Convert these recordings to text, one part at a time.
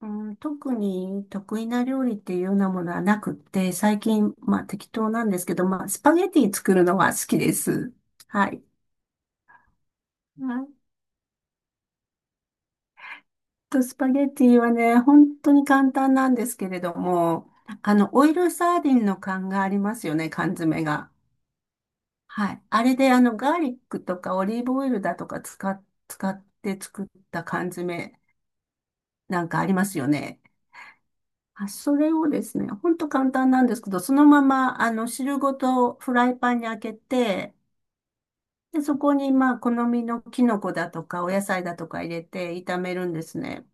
うん、特に得意な料理っていうようなものはなくって、最近、まあ適当なんですけど、まあスパゲティ作るのは好きです。はい。あと、スパゲティはね、本当に簡単なんですけれども、オイルサーディンの缶がありますよね、缶詰が。はい。あれで、ガーリックとかオリーブオイルだとか使って作った缶詰なんかありますよね。あ、それをですね、ほんと簡単なんですけど、そのまま、汁ごとフライパンに開けて、で、そこに、まあ、好みのキノコだとか、お野菜だとか入れて炒めるんですね。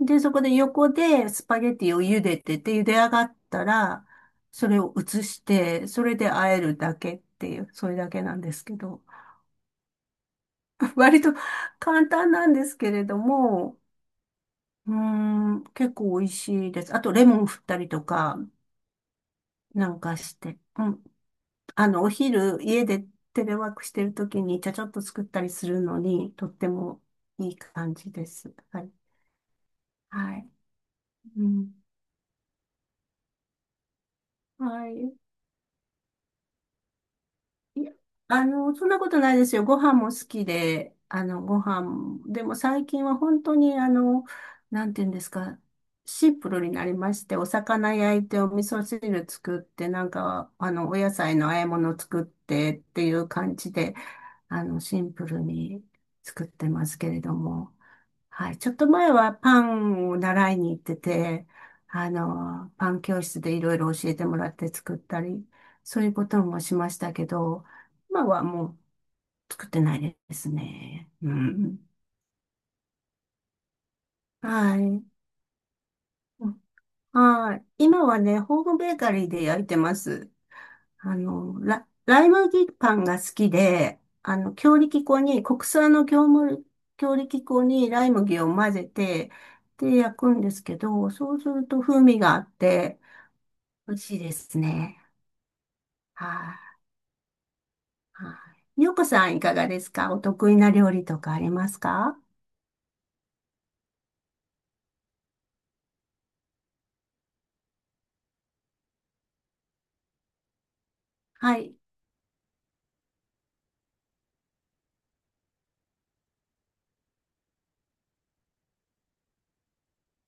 で、そこで横でスパゲティを茹でてて、茹で上がったら、それを移して、それで和えるだけっていう、それだけなんですけど、割と簡単なんですけれども、うーん、結構美味しいです。あと、レモン振ったりとか、なんかして。うんお昼、家でテレワークしてるときに、ちゃちゃっと作ったりするのに、とってもいい感じです。はい。はい。うん。はい。いや、そんなことないですよ。ご飯も好きで、でも最近は本当に、なんていうんですか、シンプルになりまして、お魚焼いて、お味噌汁作って、なんか、お野菜の和え物作ってっていう感じで、シンプルに作ってますけれども、はい。ちょっと前はパンを習いに行ってて、パン教室でいろいろ教えてもらって作ったり、そういうこともしましたけど、今はもう作ってないですね。うん。はい。はい。今はね、ホームベーカリーで焼いてます。ライ麦パンが好きで、強力粉に、国産の業務、強力粉にライ麦を混ぜて、で、焼くんですけど、そうすると風味があって、美味しいですね。はい、はい。ゆうこさんいかがですか？お得意な料理とかありますか？はい、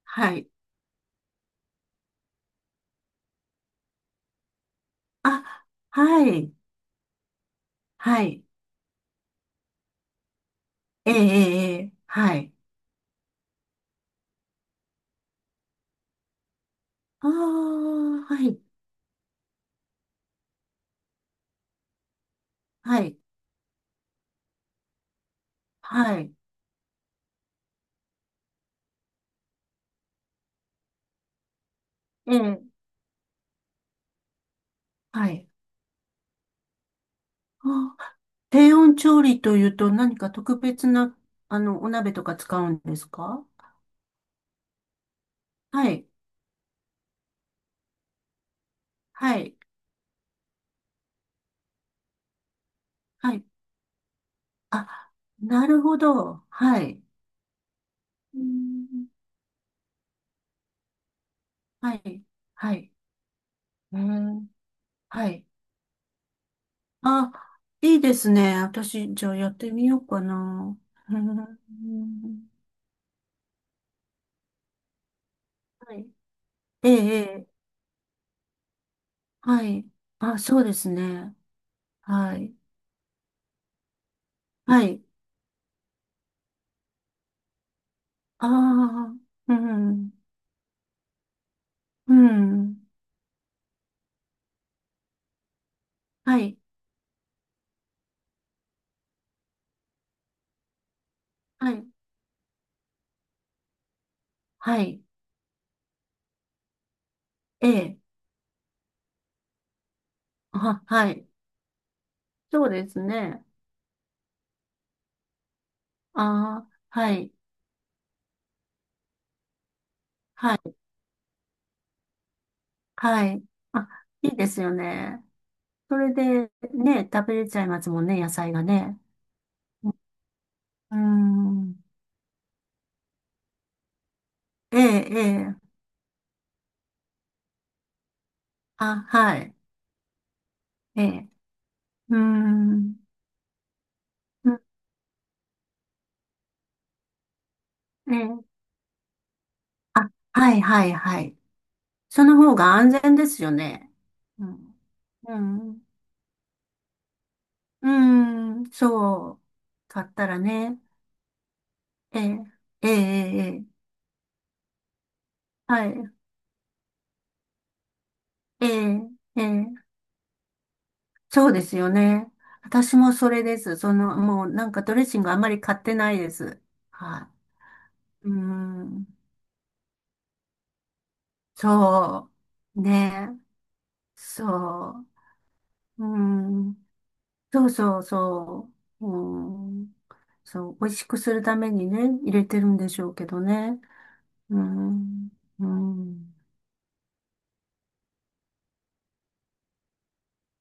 はい。あ、はい、はい。ええ、ええ、ええはい。ああ、はい、はい、はい。ええ、はい。あ低温調理というと何か特別な、お鍋とか使うんですか？はい。はい。はい。あ、なるほど。はい。うんはい。はい。うんはい。あ、いいですね。私、じゃあやってみようかな。うんはい。ええ、ええはい。あ、そうですね。はい。はい。ああ、うん。うん。はい。はい。はい。ええあ、はい。そうですね。ああはい。はい。はい。あ、いいですよね。それで、ね、食べれちゃいますもんね、野菜がね。うーん。ええ、ええ。あ、はい。ええ。うーん。うんええ。あ、はい、はい、はい。その方が安全ですよね。うん。うん。うーん。そう。買ったらね。ええ、ええ、ええ。ええはい。ええ、ええ。そうですよね。私もそれです。その、もうなんかドレッシングあんまり買ってないです。はい。うん。そう。ね。そう。うん。そうそうそう。うん。そう。美味しくするためにね、入れてるんでしょうけどね。うん。うん。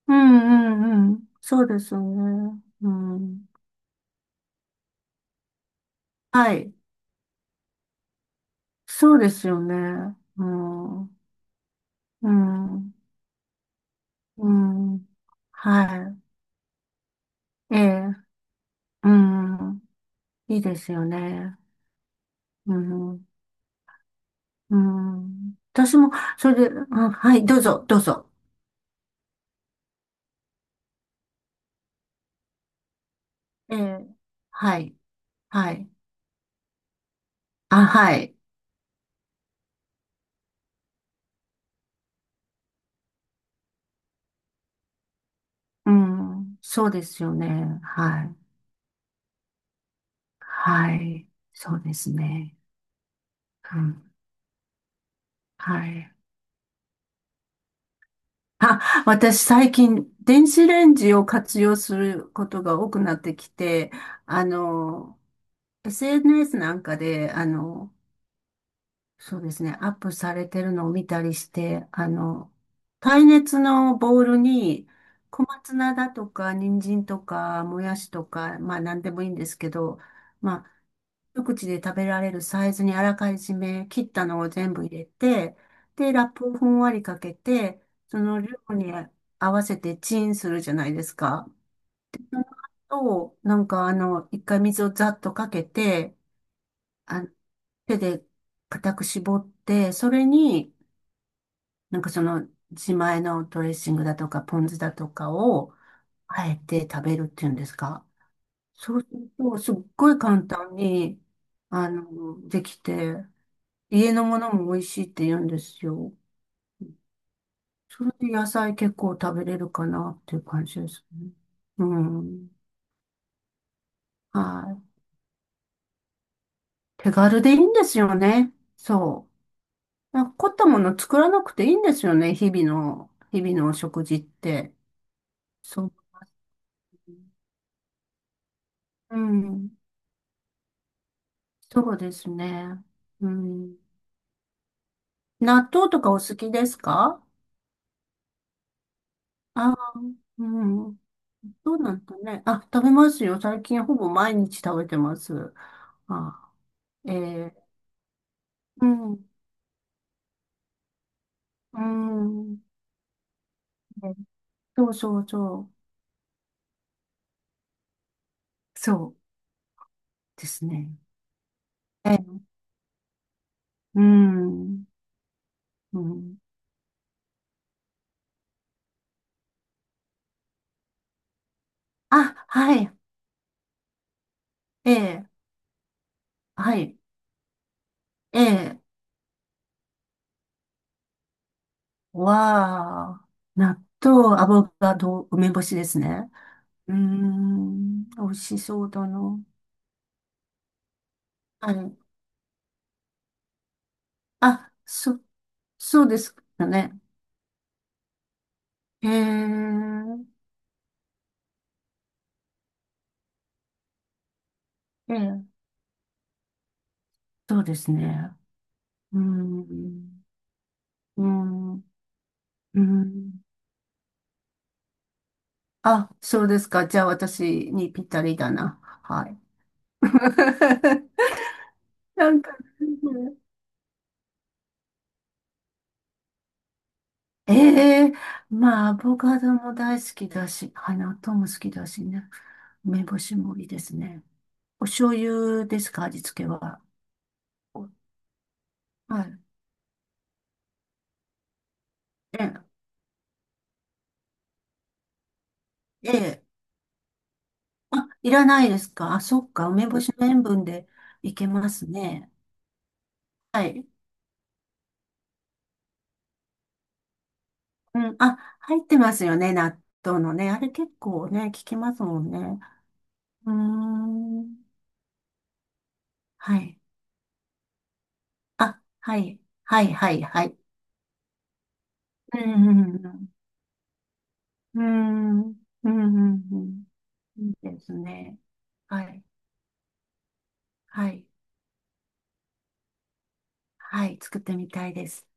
うんうんうん。そうですよね。うん。はい。そうですよね。うん。うん。うん。はい。ええ。うん。いいですよね。うん。うん。私も、それで、うんはい、どうぞ、どうぞ。ええ。はい。はい。あ、はい。うん。そうですよね。はい。はい。そうですね。うん。はい。あ、私最近、電子レンジを活用することが多くなってきて、あの、SNS なんかで、そうですね。アップされてるのを見たりして、耐熱のボウルに、小松菜だとか、人参とか、もやしとか、まあ何でもいいんですけど、まあ、一口で食べられるサイズにあらかじめ切ったのを全部入れて、で、ラップをふんわりかけて、その量に合わせてチンするじゃないですか。と、なんかあの、一回水をざっとかけて、あ、手で固く絞って、それに、なんかその自前のドレッシングだとかポン酢だとかをあえて食べるっていうんですか。そうすると、すっごい簡単に、できて、家のものも美味しいって言うんですよ。それで野菜結構食べれるかなっていう感じですね。うん。はい。手軽でいいんですよね。そう。なんか凝ったもの作らなくていいんですよね。日々のお食事って。そう。うん。そうですね。うん。納豆とかお好きですか？ああー、うん。そうなんだね。あ、食べますよ。最近ほぼ毎日食べてます。あ、えー、うん、うん。そうそうそう。そうですね。ええ、うん、うん。あ、はい。ええ、はい。ええ、わあ。納豆、アボカド、梅干しですね。うーん、美味しそうだな。はい。あ、そ、そうですかね。へえ、ええ、そうですね。うん、うん、うん。あ、そうですか。じゃあ私にぴったりだな。はい。なんか、ええまあ、アボカドも大好きだし、はい、納豆も好きだしね。梅干しもいいですね。お醤油ですか、味付けは。おはい。ええ、ええあ、いらないですかあ、そっか。梅干しの塩分でいけますね。はい。うん。あ、入ってますよね。納豆のね。あれ結構ね、効きますもんね。うーん。はい。あ、はい。はい、はい、はい。うん、うん、うん。うん、うん、うん。うんいいですね。はい。はい。はい。作ってみたいです。